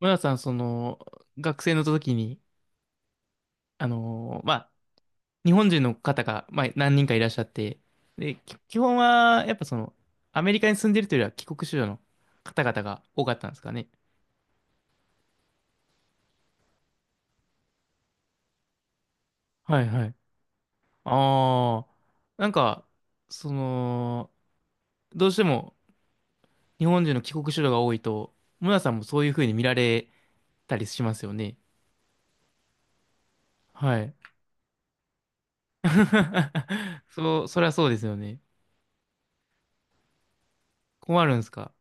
村田さん、学生の時に、まあ、日本人の方が、まあ、何人かいらっしゃって、で、基本は、やっぱアメリカに住んでるというよりは帰国子女の方々が多かったんですかね。はいはい。ああ、なんか、その、どうしても日本人の帰国子女が多いと、村田さんもそういう風に見られたりしますよね。はい。そう、そりゃそうですよね。困るんですか？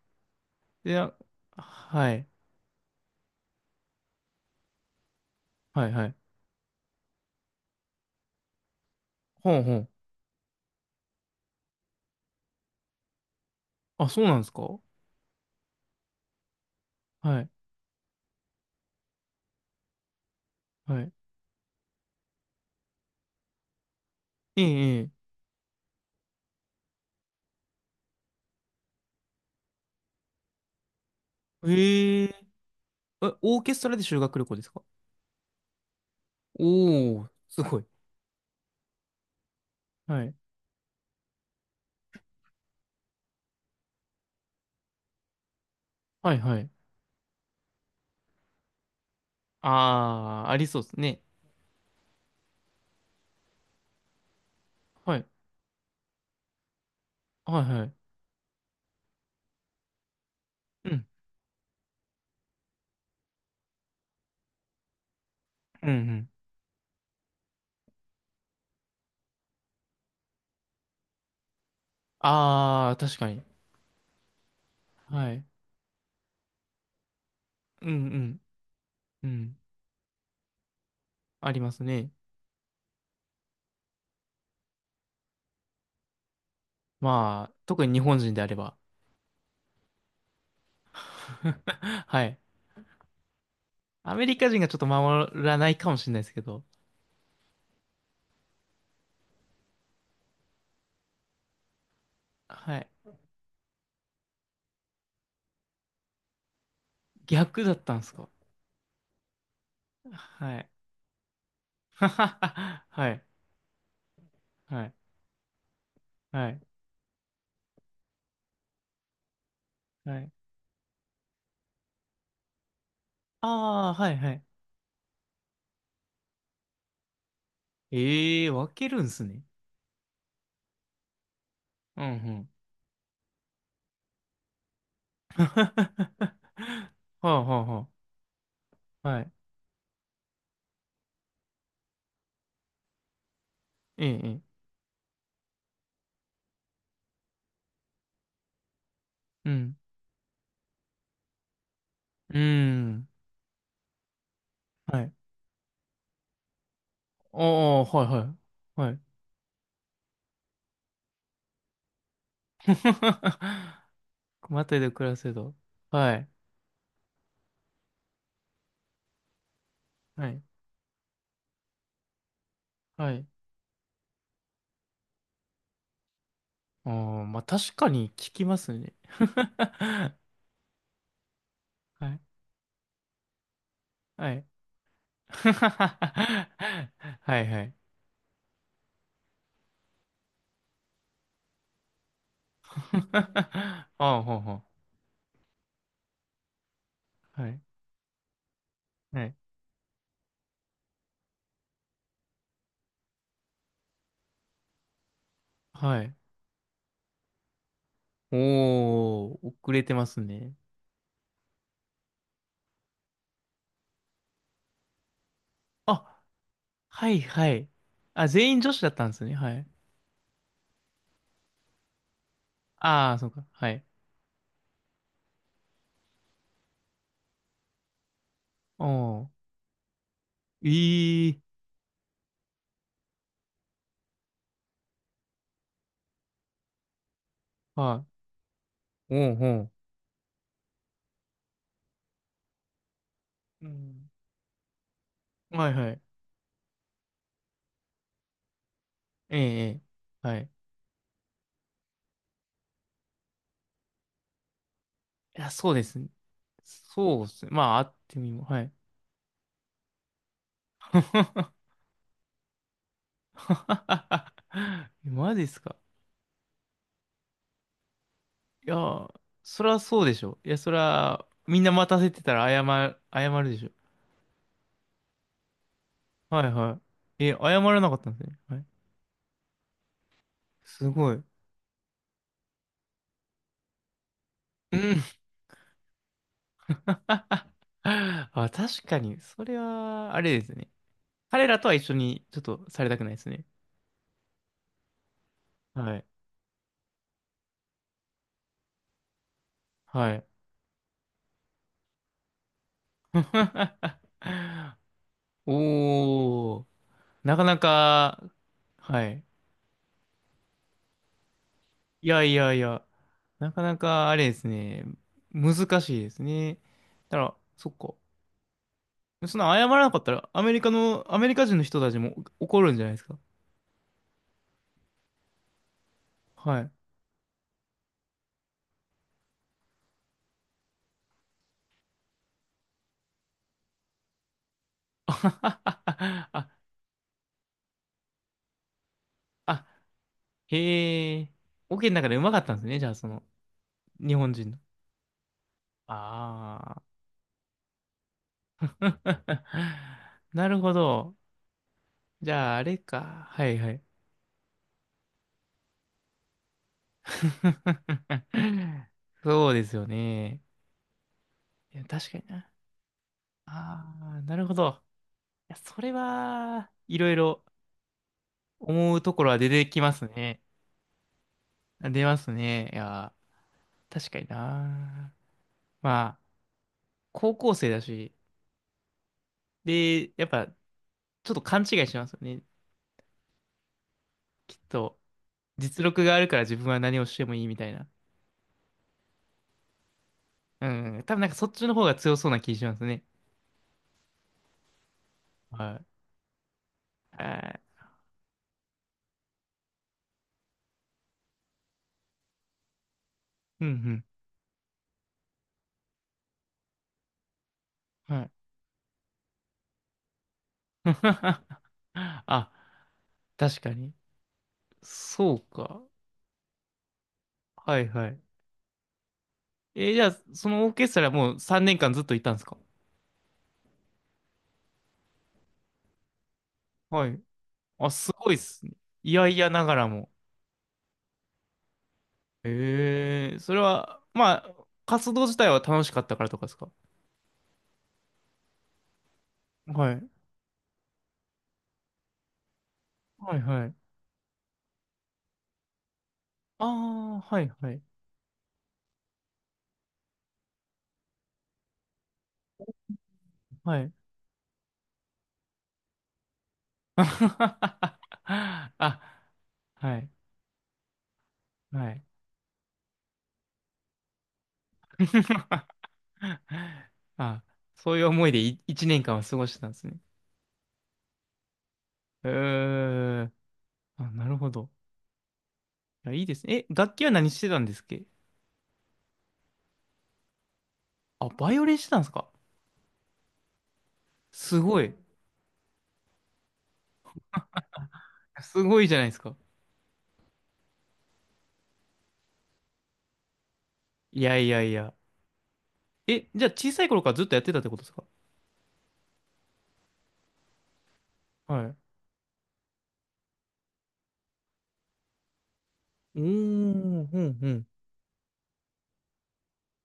いや、はい、はい、はい。ほうほう。あ、そうなんですか？はい。はい。ええ、ええ。へええ、オーケストラで修学旅行ですか？おー、すごい。はい。はい、はい。あー、ありそうですね。はい。はい、はい。うん。うん、うん。あー、確かに。はい。うん、うん。うん。ありますね。まあ、特に日本人であれば。はい。アメリカ人がちょっと守らないかもしれないですけど。はい。逆だったんですか？はい。はい。はい。はい。はい。ああ、はいはい。ええー、分けるんすね。うんうん。はあはあはあ。はい。ええ、ええ。うん。うーん。はい。ああ、はいはい。はい。熊手で暮らせど。はい。はい。はい。ああ、まあ確かに聞きますね。はい。はい。はいはい。ああ、ほうほう。はい。はい。はい。おー、遅れてますね。あ、はいはい。あ、全員女子だったんですね。はい。ああ、そうか。はい。おー、ええ、はい。おー、おー。うん。はいはい。ええ、ええ。はい。いや、そうですね。そうですね。まあ、会ってみも、はい。マジですか。いや、そりゃそうでしょ。いや、そりゃ、みんな待たせてたら謝るでしょ。はいはい。え、謝らなかったんですね。はい。すごい。うん。 あ、確かに、それは、あれですね。彼らとは一緒に、ちょっとされたくないですね。はい。はい。おー、なかなか、はい。いやいやいや、なかなか、あれですね。難しいですね。だから、そっか。そんな謝らなかったら、アメリカ人の人たちも怒るんじゃないですか。はい。あ、あ、へえ。オケの中でうまかったんですね。じゃあ。日本人の。ああ。なるほど。じゃあ、あれか。はいはい。そうですよね。いや、確かにな。ああ、なるほど。いや、それは、いろいろ思うところは出てきますね。出ますね。いや、確かにな。まあ、高校生だし、で、やっぱ、ちょっと勘違いしますよね。きっと、実力があるから自分は何をしてもいいみたいな。うん。多分なんかそっちの方が強そうな気しますね。はい。はい。うんうん。はい。あ、確かに。そうか。はいはい。じゃあ、そのオーケストラもう3年間ずっといたんですか？はい。あ、すごいっすね。いやいやながらも。ええ、それは、まあ、活動自体は楽しかったからとかですか？はい。はいはい。ああ、はいはい。はい。あ、はい。はい。あ、そういう思いでい一年間は過ごしてたんですね。えー、あ、なるほど。いや、いいですね。え、楽器は何してたんですっけ？あ、バイオリンしてたんですか？すごい。すごいじゃないですか。いやいやいや。え、じゃあ小さい頃からずっとやってたってことですか？はい。うーん、うん、うん。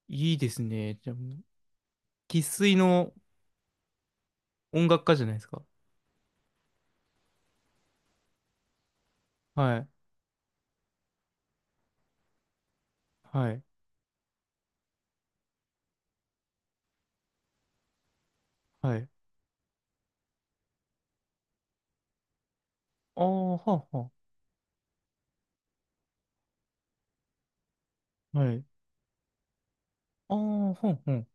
いいですね。じゃあもう、生粋の音楽家じゃないですか。はい、はい、はい。ああ、はあ、はあ。はい。ああ、ほんほん。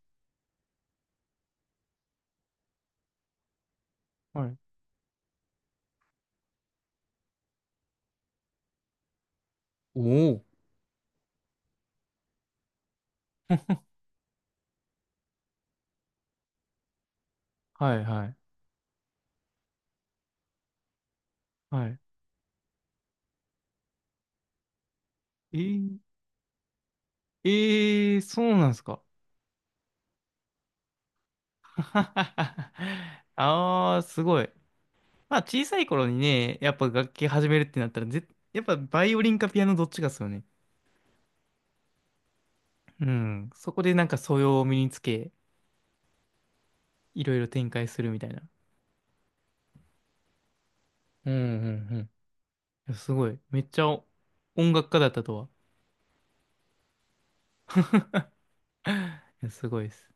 はい。おお。はい、はい、はい。ええええ、そうなんですか？ああ、すごい。まあ、小さい頃にね、やっぱ楽器始めるってなったら、やっぱバイオリンかピアノどっちかっすよね。うん。そこでなんか素養を身につけ、いろいろ展開するみたいな。うんうんうん。いやすごい。めっちゃ音楽家だったとは。いやすごいです。